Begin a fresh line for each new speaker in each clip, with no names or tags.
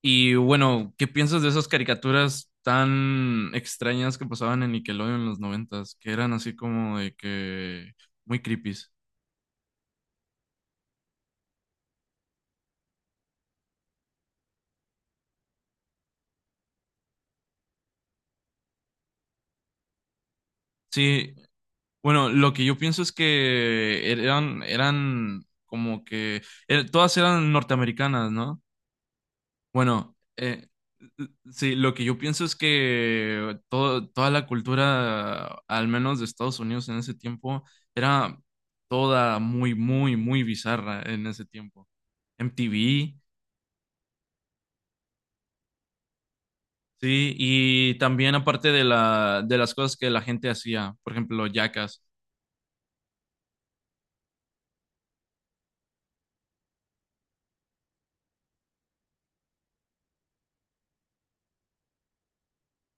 Y bueno, ¿qué piensas de esas caricaturas tan extrañas que pasaban en Nickelodeon en los noventas? Que eran así como de que muy creepies. Sí, bueno, lo que yo pienso es que eran como que todas eran norteamericanas, ¿no? Bueno, sí, lo que yo pienso es que toda la cultura, al menos de Estados Unidos en ese tiempo, era toda muy, muy, muy bizarra en ese tiempo. MTV, sí, y también aparte de de las cosas que la gente hacía, por ejemplo, Jackass.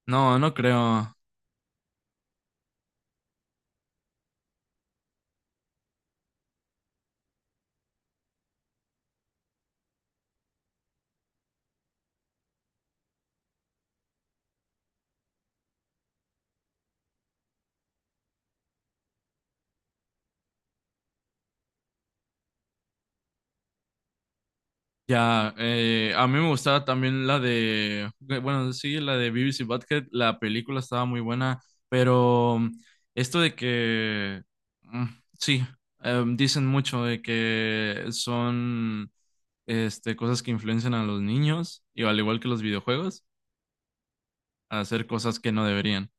No, no creo. Ya, a mí me gustaba también la de, bueno, sí, la de Beavis y Butthead, la película estaba muy buena, pero esto de que, mm, sí, em, dicen mucho de que son cosas que influencian a los niños, y al igual que los videojuegos, a hacer cosas que no deberían.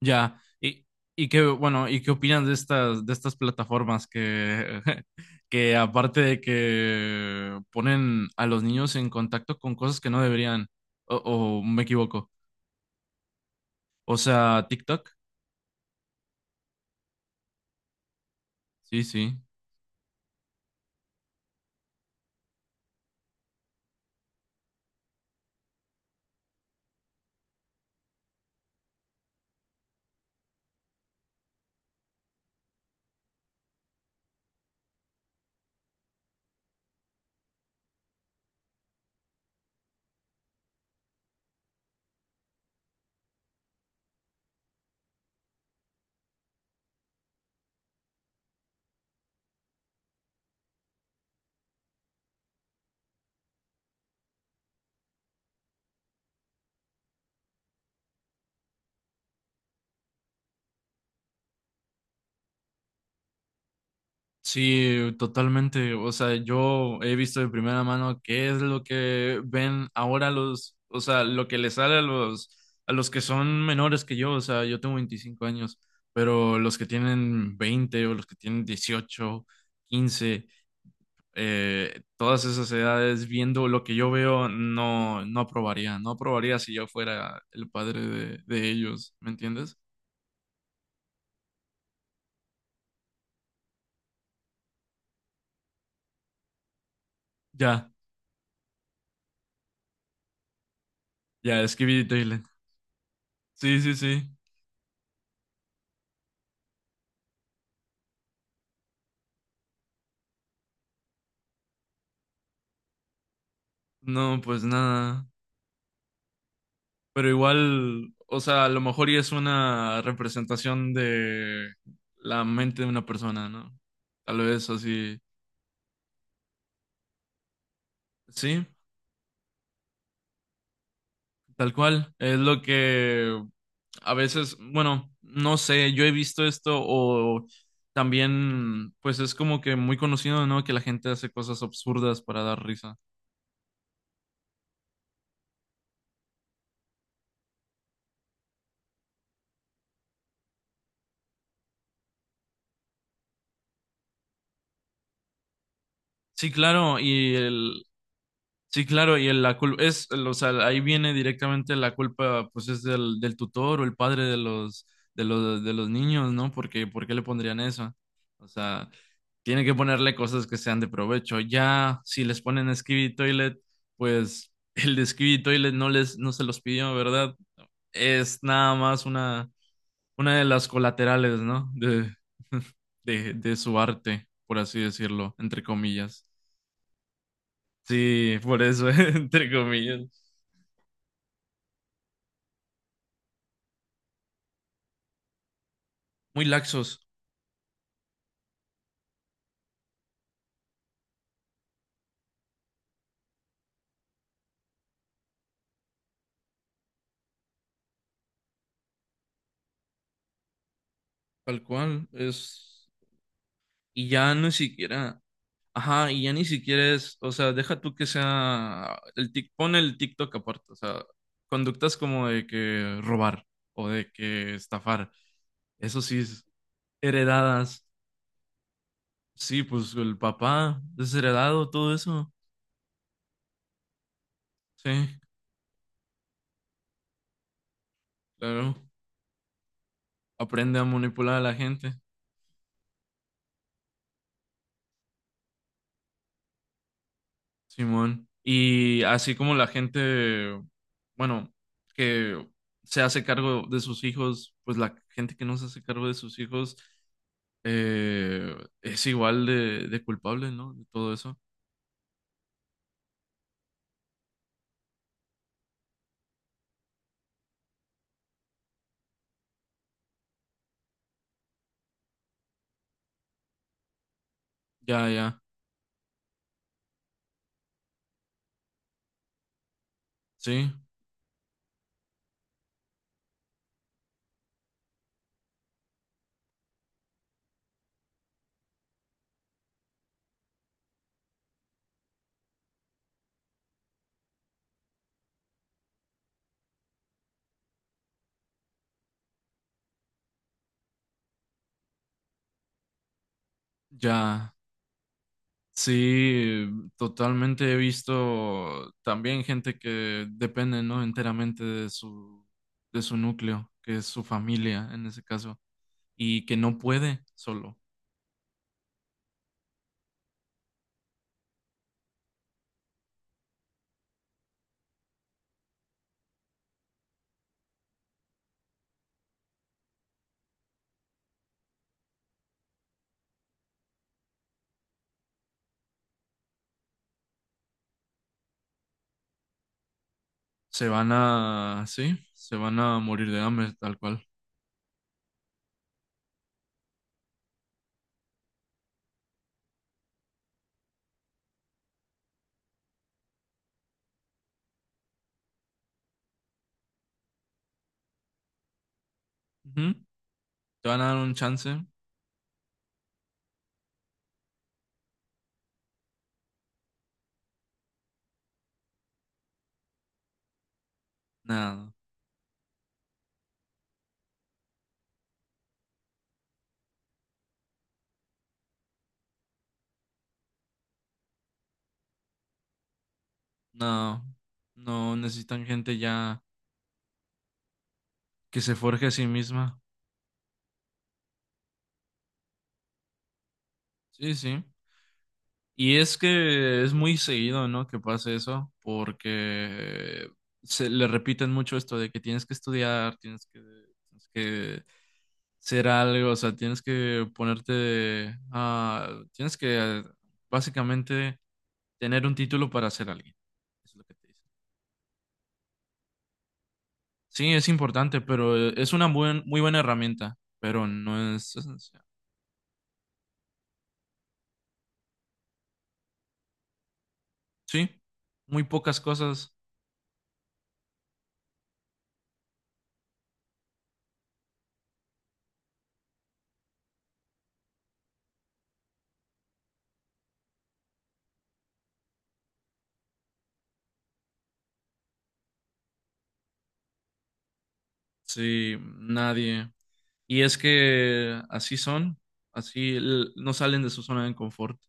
Ya, y qué, bueno, ¿y qué opinas de estas plataformas que, que aparte de que ponen a los niños en contacto con cosas que no deberían, o me equivoco? O sea, TikTok, sí, sí. Sí, totalmente. O sea, yo he visto de primera mano qué es lo que ven ahora o sea, lo que les sale a a los que son menores que yo. O sea, yo tengo 25 años, pero los que tienen 20 o los que tienen 18, 15, todas esas edades, viendo lo que yo veo, no, no aprobaría. No aprobaría si yo fuera el padre de ellos, ¿me entiendes? Ya, ya, escribí Dylan. Sí, sí, sí. No, pues nada. Pero igual, o sea, a lo mejor y es una representación de la mente de una persona, ¿no? Tal vez así. Sí, tal cual. Es lo que a veces, bueno, no sé, yo he visto esto o también, pues es como que muy conocido, ¿no? Que la gente hace cosas absurdas para dar risa. Sí, claro, y el, sí, claro, la culpa es, o sea, ahí viene directamente la culpa, pues es del, del tutor o el padre de los, de los, de los niños, ¿no? Porque, ¿por qué le pondrían eso? O sea, tiene que ponerle cosas que sean de provecho. Ya, si les ponen Skibidi Toilet, pues el de Skibidi Toilet no les, no se los pidió, ¿verdad? Es nada más una de las colaterales, ¿no? De, de su arte, por así decirlo, entre comillas. Sí, por eso, entre comillas. Muy laxos, tal cual, es, y ya ni siquiera, ajá, y ya ni siquiera es, o sea, deja tú que sea, pone el TikTok aparte, o sea, conductas como de que robar o de que estafar, eso sí, es heredadas, sí, pues el papá, desheredado, todo eso, sí, claro, aprende a manipular a la gente. Simón. Y así como la gente, bueno, que se hace cargo de sus hijos, pues la gente que no se hace cargo de sus hijos eh, es igual de culpable, ¿no? De todo eso. Ya, ya, sí, ya, sí, totalmente he visto también gente que depende, ¿no? Enteramente de su núcleo, que es su familia en ese caso, y que no puede solo. Se van a, sí, se van a morir de hambre, tal cual. Ujú. ¿Te van a dar un chance? Nada, no, no necesitan gente ya que se forje a sí misma. Sí, sí. Y es que es muy seguido, ¿no? Que pase eso, porque se le repiten mucho esto de que tienes que estudiar, tienes que ser algo, o sea, tienes que ponerte, ah, tienes que básicamente tener un título para ser alguien. Eso es lo que te dice. Sí, es importante, pero es una muy buena herramienta, pero no es esencial. Sí, muy pocas cosas. Sí, nadie. Y es que así son, no salen de su zona de confort.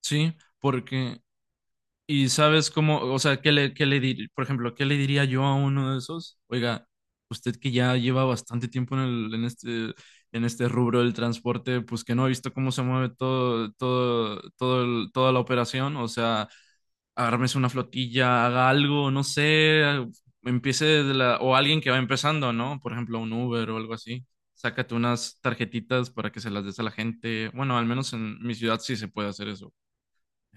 Sí, porque y sabes cómo, o sea, por ejemplo, ¿qué le diría yo a uno de esos? Oiga, usted que ya lleva bastante tiempo en el, en este rubro del transporte, pues que no ha visto cómo se mueve todo, todo, toda la operación, o sea, agárrese una flotilla, haga algo, no sé, ah, empiece de la, o alguien que va empezando, ¿no? Por ejemplo, un Uber o algo así. Sácate unas tarjetitas para que se las des a la gente. Bueno, al menos en mi ciudad sí se puede hacer eso.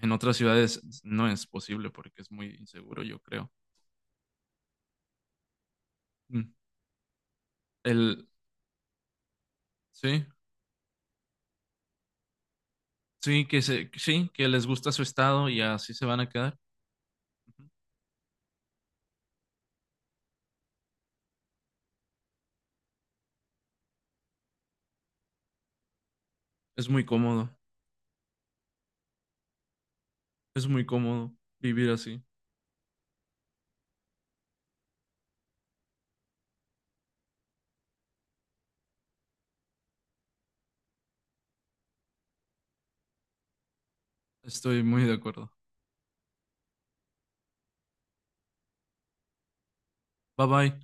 En otras ciudades no es posible porque es muy inseguro, yo creo. Mm. El, sí, sí, que se, sí, que les gusta su estado y así se van a quedar. Es muy cómodo, es muy cómodo vivir así. Estoy muy de acuerdo. Bye bye.